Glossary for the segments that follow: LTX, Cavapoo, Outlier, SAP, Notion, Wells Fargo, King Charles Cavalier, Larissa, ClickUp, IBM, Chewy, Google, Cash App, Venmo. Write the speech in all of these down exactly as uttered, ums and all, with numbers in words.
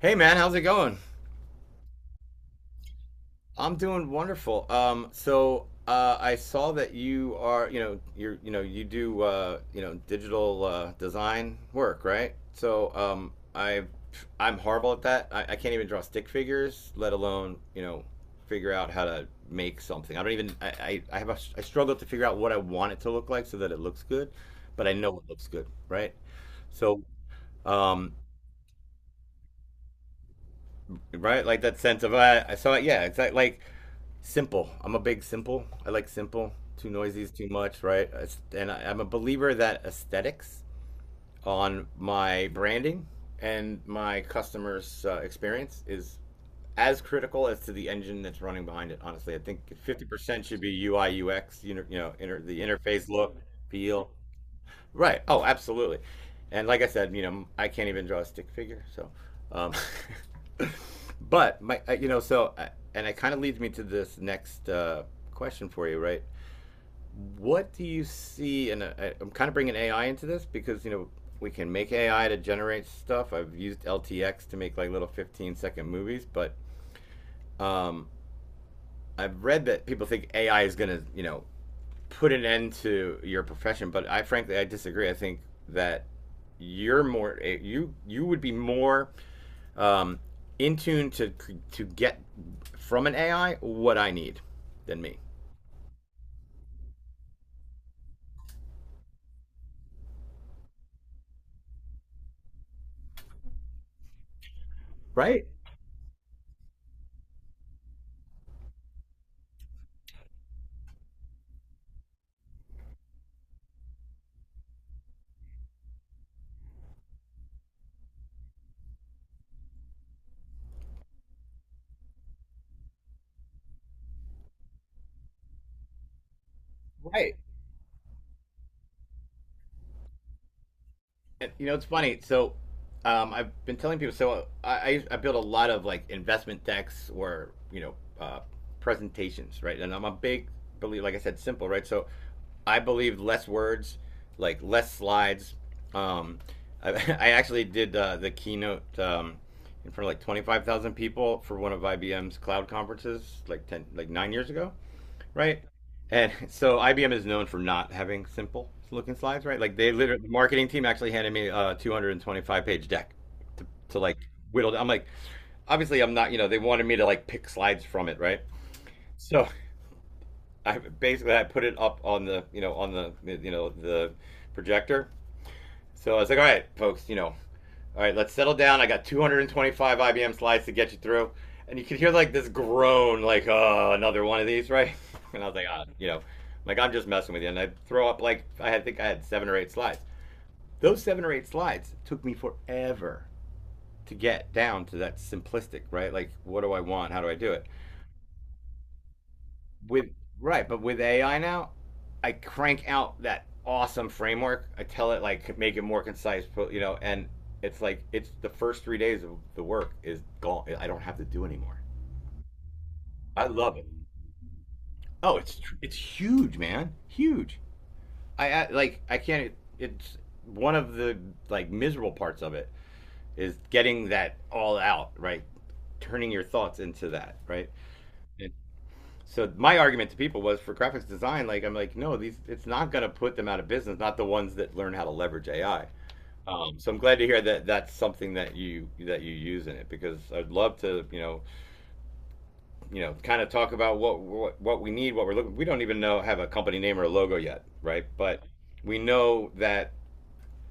Hey man, how's it going? I'm doing wonderful. Um, so uh, I saw that you are, you know, you're, you know, you do, uh, you know, digital uh, design work, right? So um, I, I'm horrible at that. I, I can't even draw stick figures, let alone, you know, figure out how to make something. I don't even. I, I, I have a, I struggle to figure out what I want it to look like so that it looks good, but I know it looks good, right? So, um, right, like that sense of I, I saw it. Yeah, exactly. Like simple. I'm a big simple. I like simple. Too noisy is too much, right? It's- And I- I'm a believer that aesthetics on my branding and my customers' uh, experience is as critical as to the engine that's running behind it. Honestly, I think fifty percent should be U I U X. You know, you know, inter, the interface look, feel. Right. Oh, absolutely. And like I said, you know, I can't even draw a stick figure. So, um, but my, uh, you know, so, uh, And it kind of leads me to this next uh, question for you, right? What do you see? And uh, I, I'm kind of bringing A I into this because, you know, we can make A I to generate stuff. I've used L T X to make like little fifteen second movies, but um, I've read that people think A I is going to, you know, put an end to your profession, but I frankly I disagree. I think that you're more eh, you you would be more um, in tune to to get from an A I what I need than me. Right. Right. You know, it's funny. So, um, I've been telling people. So, I I build a lot of like investment decks or you know uh, presentations, right? And I'm a big believe, like I said, simple, right? So, I believe less words, like less slides. Um, I, I actually did uh, the keynote um, in front of like twenty-five thousand people for one of I B M's cloud conferences, like ten, like nine years ago. Right. And so I B M is known for not having simple looking slides, right? Like they literally, the marketing team actually handed me a two hundred twenty-five page deck to, to like whittle. I'm like, obviously I'm not, you know, they wanted me to like pick slides from it, right? So I basically I put it up on the, you know, on the, you know, the projector. So I was like, all right, folks, you know, all right, let's settle down. I got two hundred twenty-five I B M slides to get you through. And you could hear like this groan, like, oh, another one of these, right? And I was like, ah, you know, like I'm just messing with you. And I throw up like, I think I had seven or eight slides. Those seven or eight slides took me forever to get down to that simplistic, right? Like, what do I want? How do I do it? with right, but with A I now, I crank out that awesome framework. I tell it like make it more concise, you know, and it's like it's the first three days of the work is gone. I don't have to do anymore. I love it. Oh, it's it's huge, man, huge. I, I like I can't. It's One of the like miserable parts of it is getting that all out right, turning your thoughts into that right. So my argument to people was for graphics design, like I'm like, no, these it's not going to put them out of business. Not the ones that learn how to leverage A I. Um, so I'm glad to hear that that's something that you that you use in it because I'd love to you know you know kind of talk about what what, what we need, what we're looking. We don't even know have a company name or a logo yet, right? But we know that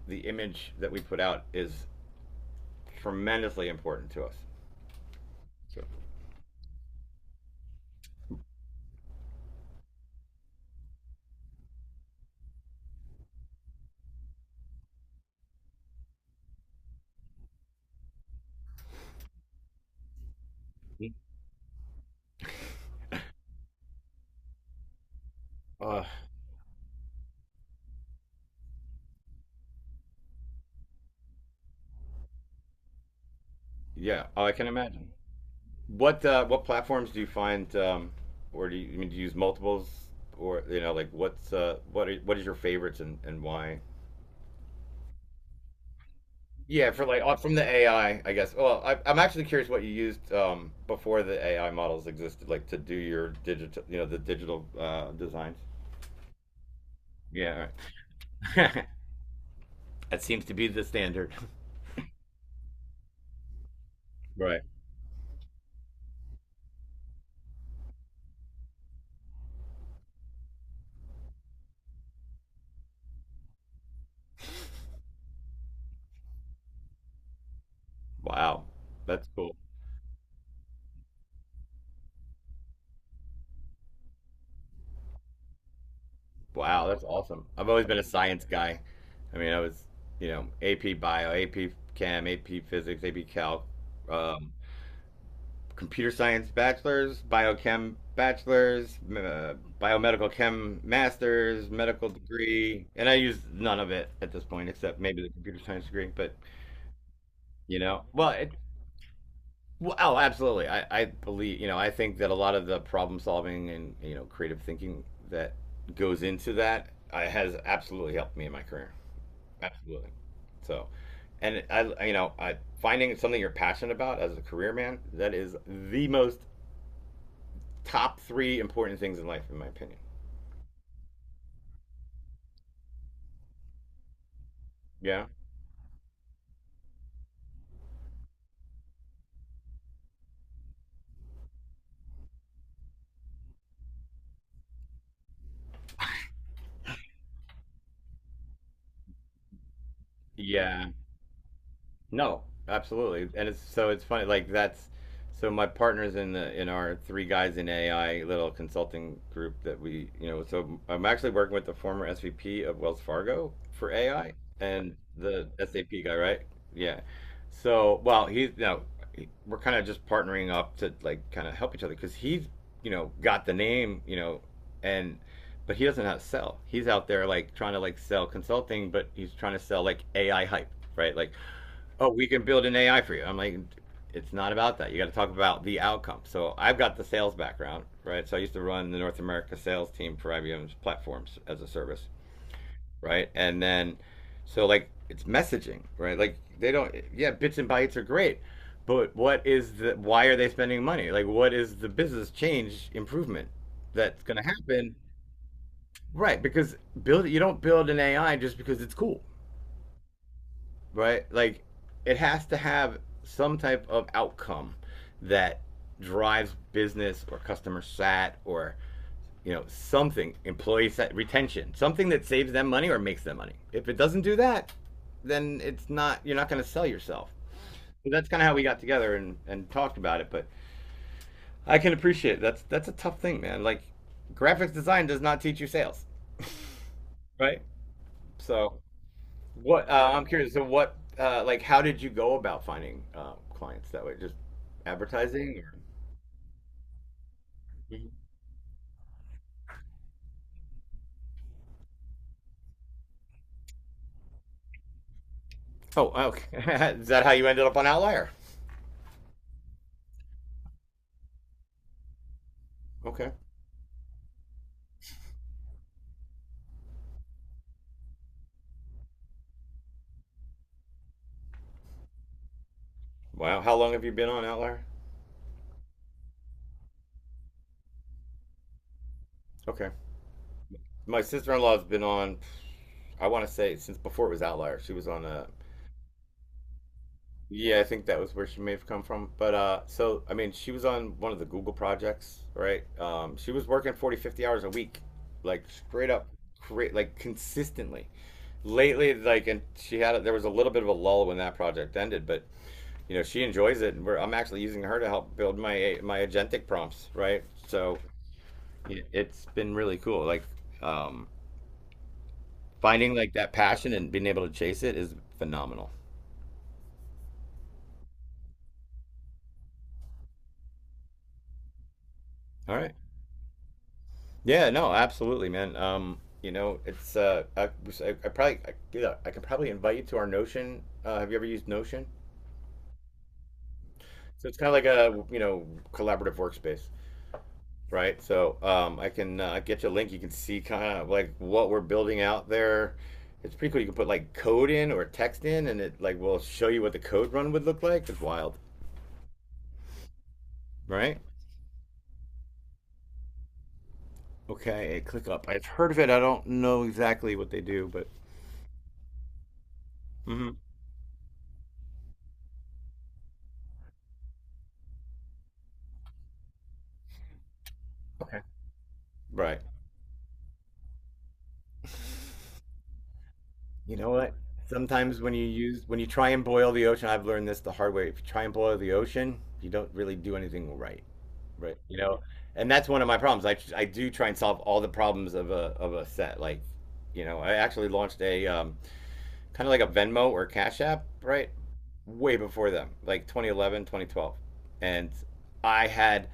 the image that we put out is tremendously important to us. So, uh, yeah, I can imagine. What uh, what platforms do you find, um, or do you, I mean do you use multiples, or you know like what's uh, what are, what is your favorites and, and why? Yeah, for like uh, from the A I, I I guess. Well, I, I'm actually curious what you used um, before the A I models existed, like to do your digital, you know, the digital uh, designs. Yeah, all right. That seems to be the standard. Right. Wow, that's cool. Wow, that's awesome. I've always been a science guy. I mean, I was, you know, AP Bio, AP Chem, AP Physics, AP Calc, um, Computer Science Bachelor's, Biochem Bachelor's, m- uh, Biomedical Chem Master's, medical degree, and I use none of it at this point except maybe the computer science degree. But you know, well, it, well, oh, Absolutely. I, I believe, you know, I think that a lot of the problem solving and you know creative thinking that goes into that uh, has absolutely helped me in my career. Absolutely. So, and I, you know, I, Finding something you're passionate about as a career man, that is the most top three important things in life, in my opinion. Yeah. Yeah, no, absolutely. And it's so it's funny like that's so my partners in the in our three guys in A I little consulting group that we, you know, so I'm actually working with the former S V P of Wells Fargo for A I and the S A P guy, right? Yeah. So, well, he's you know, he- we're kind of just partnering up to like kind of help each other because he's, you know, got the name, you know, and but he doesn't know how to sell. He's out there like trying to like sell consulting, but he's trying to sell like A I hype, right? Like oh, we can build an A I for you. I'm like, it's not about that. You got to talk about the outcome. So I've got the sales background, right? So I used to run the North America sales team for I B M's platforms as a service, right? And then, so like, it's messaging, right? Like, they don't, yeah, bits and bytes are great. But what is the, why are they spending money? Like, what is the business change improvement that's going to happen? Right. Because build, you don't build an A I just because it's cool. Right? Like it has to have some type of outcome that drives business or customer sat or you know something employee sat, retention something that saves them money or makes them money. If it doesn't do that then it's not you're not going to sell yourself. So that's kind of how we got together and and talked about it. But I can appreciate it. that's that's a tough thing man. Like graphics design does not teach you sales, right? So what uh, I'm curious. So, what uh, like how did you go about finding uh, clients that way? Just advertising? Or... Mhm. Oh, okay. Is that how you ended up on Outlier? Okay. Wow. How long have you been on Outlier? Okay. My sister-in-law's been on. I want to say since before it was Outlier. She was on a... Yeah, I think that was where she may have come from. But uh, so I mean, she was on one of the Google projects, right? Um, she was working forty, fifty hours a week, like straight up, cra like consistently. Lately, like, and she had there was a little bit of a lull when that project ended, but you know, she enjoys it, and we're, I'm actually using her to help build my my agentic prompts, right? So it, it's been really cool. Like um, finding like that passion and being able to chase it is phenomenal. All right. Yeah, no, absolutely, man. Um, you know, it's uh, I, I, I probably, I, Yeah, I could probably invite you to our Notion. Uh, have you ever used Notion? So it's kind of like a, you know, collaborative workspace, right? So um, I can uh, get you a link. You can see kind of like what we're building out there. It's pretty cool. You can put like code in or text in, and it like will show you what the code run would look like. It's wild, right? Okay, ClickUp. I've heard of it. I don't know exactly what they do, but. Hmm. Okay. Right. You know what? Sometimes when you use when you try and boil the ocean, I've learned this the hard way. If you try and boil the ocean, you don't really do anything right, right? You know, and that's one of my problems. I, I do try and solve all the problems of a of a set. Like, you know, I actually launched a um, kind of like a Venmo or Cash App, right? Way before them, like twenty eleven, twenty twelve, and I had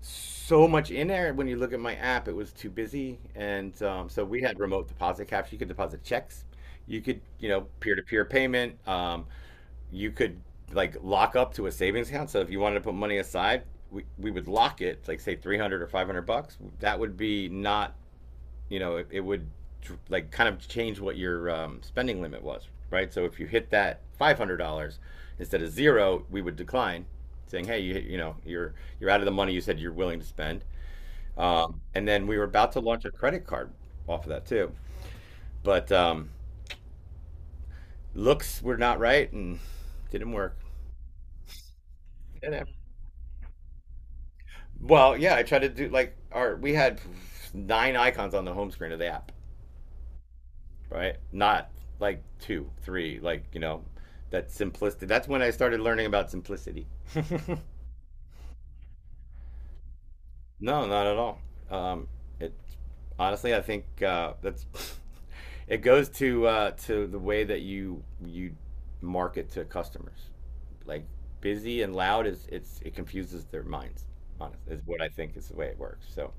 so much in there. When you look at my app, it was too busy, and um, so we had remote deposit caps. You could deposit checks, you could, you know, peer-to-peer payment. Um, you could like lock up to a savings account. So if you wanted to put money aside, we, we would lock it, like say three hundred or five hundred bucks. That would be not, you know, it, it would like kind of change what your um, spending limit was, right? So if you hit that five hundred dollars instead of zero, we would decline saying, "Hey, you, you know, you're you're out of the money you said you're willing to spend." Um, and then we were about to launch a credit card off of that too, but um, looks were not right and didn't work. Didn't Well, Yeah, I tried to do like our we had nine icons on the home screen of the app, right? Not like two, three, like you know, that simplicity. That's when I started learning about simplicity. No, not at all. Um, it Honestly, I think uh, that's it goes to uh, to the way that you you market to customers. Like busy and loud is it's it confuses their minds. Honest is what I think is the way it works. So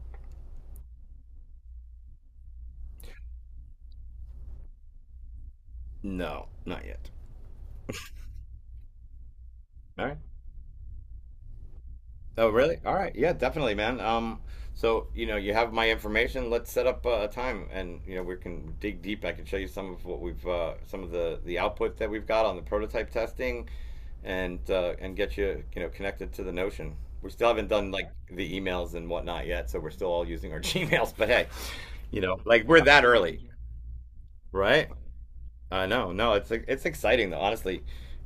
no, not yet. All right. Oh, really? All right. Yeah, definitely, man. Um, so, you know, you have my information. Let's set up uh, a time and, you know, we can dig deep. I can show you some of what we've uh, some of the the output that we've got on the prototype testing and uh, and get you, you know, connected to the Notion. We still haven't done like the emails and whatnot yet, so we're still all using our Gmails, but hey, you know, like we're that early, right? I uh, Know. No, it's it's exciting though. Honestly,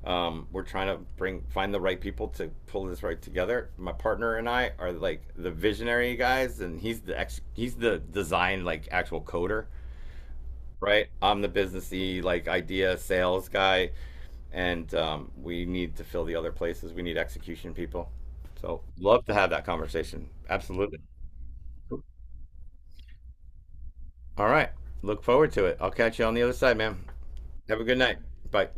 um, we're trying to bring find the right people to pull this right together. My partner and I are like the visionary guys, and he's the ex- he's the design like actual coder, right? I'm the businessy like idea sales guy, and um, we need to fill the other places. We need execution people. So love to have that conversation. Absolutely. All right. Look forward to it. I'll catch you on the other side, man. Have a good night. Bye.